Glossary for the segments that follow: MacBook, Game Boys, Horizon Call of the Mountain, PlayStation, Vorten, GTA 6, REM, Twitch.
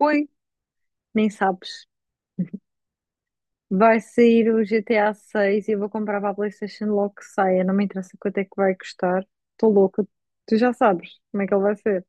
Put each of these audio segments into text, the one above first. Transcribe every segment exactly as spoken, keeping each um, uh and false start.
Oi, nem sabes. Vai sair o G T A seis e eu vou comprar para a PlayStation logo que saia. Não me interessa quanto é que vai custar. Estou louca. Tu já sabes como é que ele vai ser.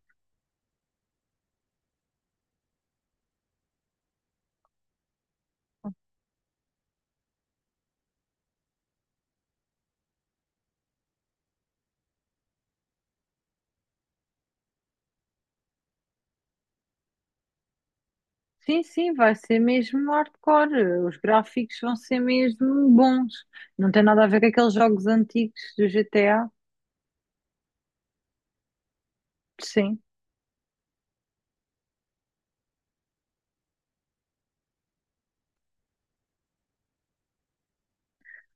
Sim, sim, vai ser mesmo hardcore. Os gráficos vão ser mesmo bons. Não tem nada a ver com aqueles jogos antigos do G T A. Sim.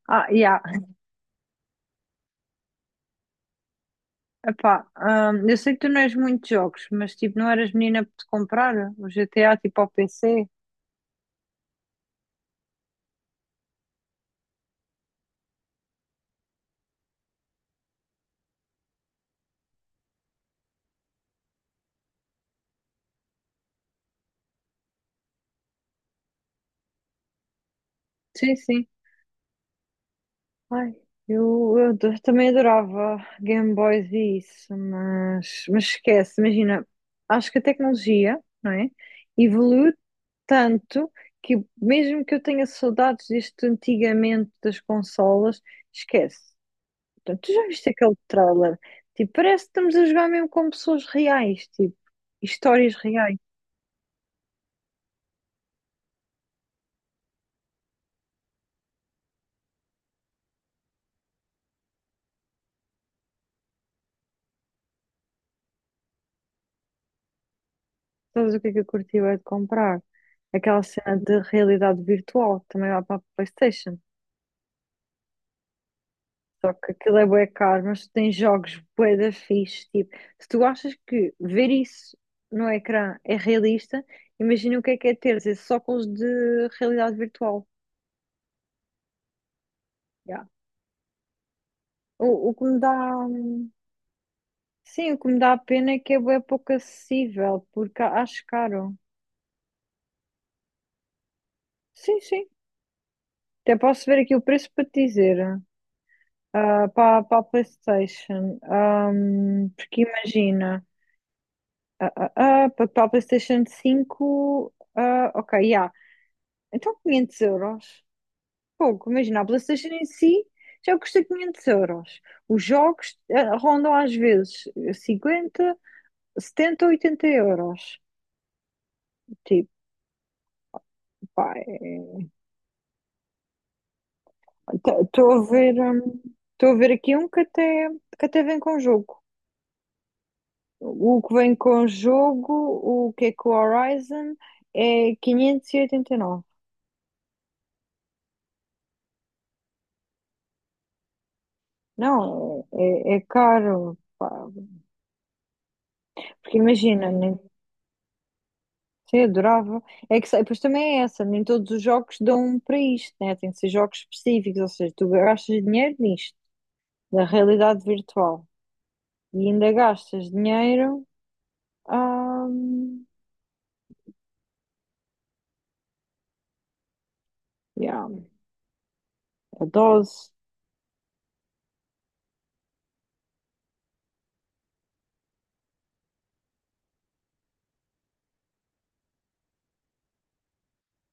Ah, yeah. Epá, hum, eu sei que tu não és muito de jogos, mas tipo, não eras menina para te comprar o G T A tipo ao P C? Sim, sim. Ai, eu, eu do- também adorava Game Boys e isso, mas, mas esquece, imagina, acho que a tecnologia, não é, evoluiu tanto que mesmo que eu tenha saudades deste antigamente das consolas, esquece. Portanto, tu já viste aquele trailer? Tipo, parece que estamos a jogar mesmo com pessoas reais, tipo, histórias reais. Sabes o que é que eu curti bué de comprar? Aquela cena de realidade virtual que também lá para a PlayStation. Só que aquilo é bué caro, mas tu tens jogos bué da fixe. Tipo, se tu achas que ver isso no ecrã é realista, imagina o que é que é ter esses óculos de realidade virtual. Yeah. O, o que me dá, sim, o que me dá pena é que é bué pouco acessível, porque a- acho caro. Sim, sim. Até posso ver aqui o preço para te dizer, ah, para, para a PlayStation. Ahm, porque imagina, ah, ah, ah, para para a PlayStation cinco, ah, ok, já. Então quinhentos euros. Pouco, imagina, a PlayStation em si já custa quinhentos euros. Os jogos, eh, rondam às vezes cinquenta, setenta, oitenta euros. Tipo, pá, estou a ver, hum, estou a ver aqui um que até, que até vem com jogo. O que vem com jogo, o que é com o Horizon, é quinhentos e oitenta e nove. Não, é, é é caro, pá. Porque imagina, nem. Sim, adorava. É que, sei- pois também é essa, nem todos os jogos dão para isto, né? Tem que ser jogos específicos, ou seja, tu gastas dinheiro nisto, na realidade virtual, e ainda gastas dinheiro a, yeah, a dose,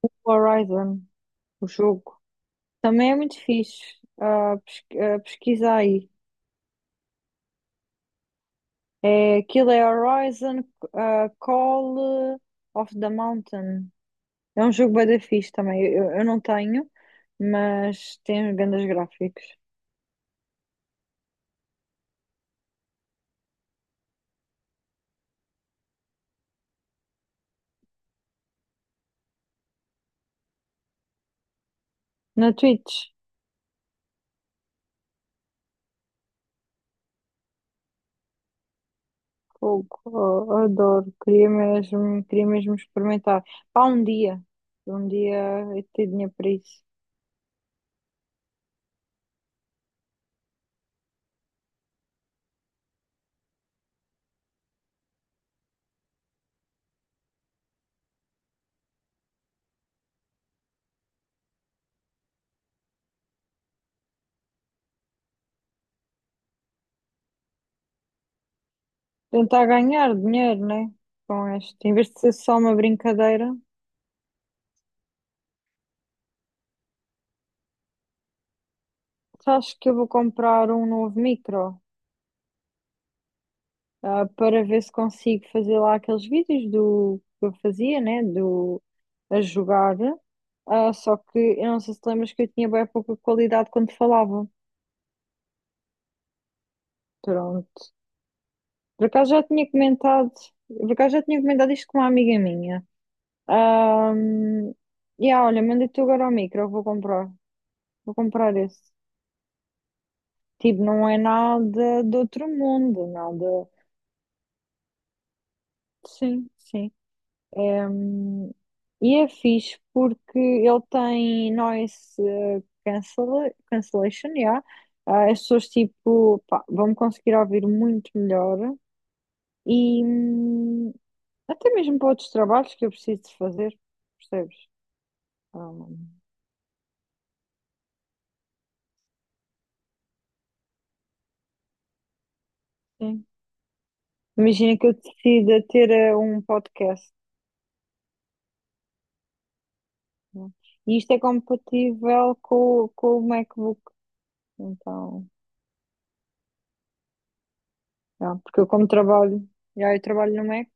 o Horizon, o jogo. Também é muito fixe, ah, pesqu- ah, pesquisa aí. É, aquilo é Horizon, ah, Call of the Mountain. É um jogo bem da fixe também. Eu, eu não tenho, mas tem grandes gráficos. Na Twitch, fogo, oh, adoro, queria mesmo, queria mesmo experimentar. Pá, um dia, um dia eu ter dinheiro para isso. Tentar ganhar dinheiro, né? Com este, em vez de ser só uma brincadeira, acho que eu vou comprar um novo micro, ah, para ver se consigo fazer lá aqueles vídeos do que eu fazia, né? Do a jogar. Ah, só que eu não sei se te lembras que eu tinha bem pouca qualidade quando falava. Pronto, por acaso já tinha comentado, por acaso já tinha comentado isto com uma amiga minha. Ahm, e ah, olha, mandei tu agora o micro, eu vou comprar. Vou comprar esse. Tipo, não é nada de outro mundo, nada. Sim, sim. É, hum, e é fixe porque ele tem noise, eh, cancela- cancellation, yeah. Ah, as pessoas tipo, pá, vão conseguir ouvir muito melhor e, hum, até mesmo para outros trabalhos que eu preciso de fazer, percebes? Ah, mano. Sim. Imagina que eu decida ter, eh, um podcast, né? E isto é compatível com o com o MacBook. Então, já, porque eu como trabalho, já eu trabalho no Mac.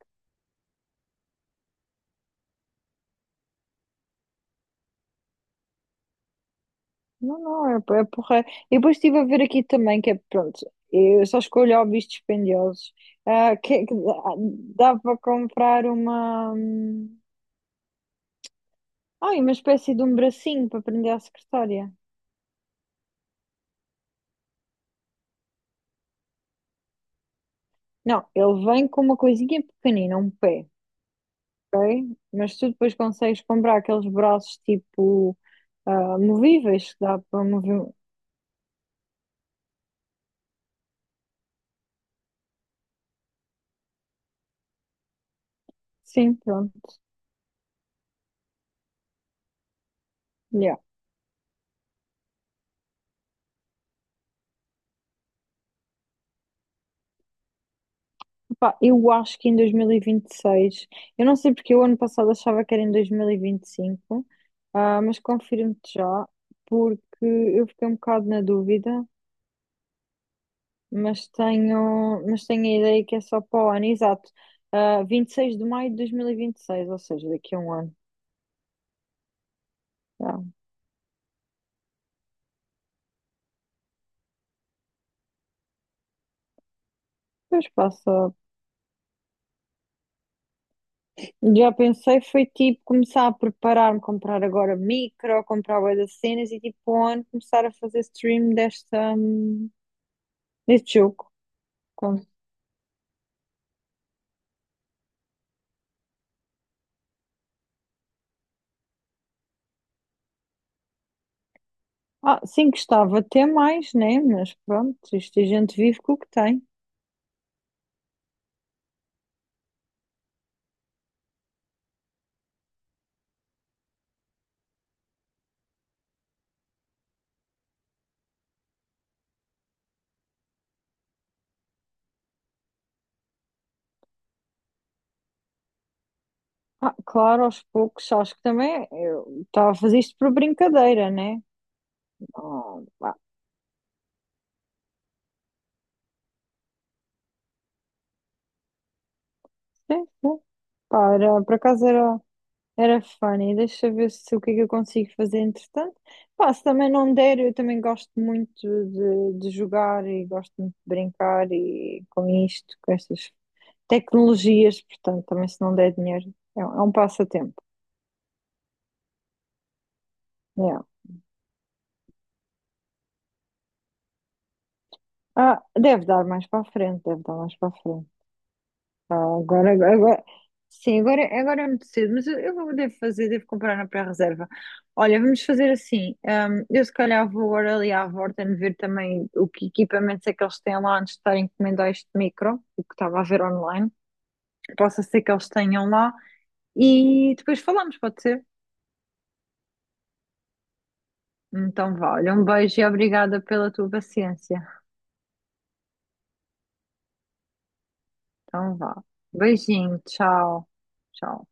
Não, não, é, é porra. E depois estive a ver aqui também que é, pronto, eu só escolho hobbies dispendiosos. Ah, que, é que dá dá para comprar uma... hum, ai, uma espécie de um bracinho para prender à secretária. Não, ele vem com uma coisinha pequenina, um pé. Ok? Mas tu depois consegues comprar aqueles braços tipo, ah, movíveis que dá para mover. Sim, pronto. Yeah. Epá, eu acho que em dois mil e vinte e seis, eu não sei porque o ano passado achava que era em dois mil e vinte e cinco, ah, mas confirmo-te já, porque eu fiquei um bocado na dúvida, mas tenho, mas tenho a ideia que é só para o ano, exato. Ah, vinte e seis de maio de dois mil e vinte e seis, ou seja, daqui a um ano. Yeah. Depois passa. Já pensei, foi tipo começar a preparar-me, comprar agora micro, comprar bué das cenas e tipo on, começar a fazer stream desta, hum, deste jogo. Com-. Ah, sim, gostava até mais, né? Mas pronto, isto a gente vive com o que tem. Ah, claro, aos poucos, acho que também eu estava a fazer isto por brincadeira, né? Ah, pá, sim, sim. Para, por acaso era. Era funny, deixa eu ver se o que é que eu consigo fazer entretanto. Pá, se também não der, eu também gosto muito de, de jogar e gosto muito de brincar e com isto, com estas tecnologias, portanto, também se não der dinheiro, é, um é um passatempo. Yeah. Ah, deve dar mais para a frente, deve dar mais para a frente. Ah, agora, agora, sim, agora, agora é muito cedo, mas eu, eu vou- devo fazer, devo comprar na pré-reserva. Olha, vamos fazer assim. Hum, eu se calhar vou agora ali à Vorten ver também o que equipamentos é que eles têm lá antes de estar a encomendar este micro, o que estava a ver online. Possa ser que eles tenham lá e depois falamos, pode ser? Então vá, olha, um beijo e obrigada pela tua paciência. Então vá. Beijinho, tchau. Tchau.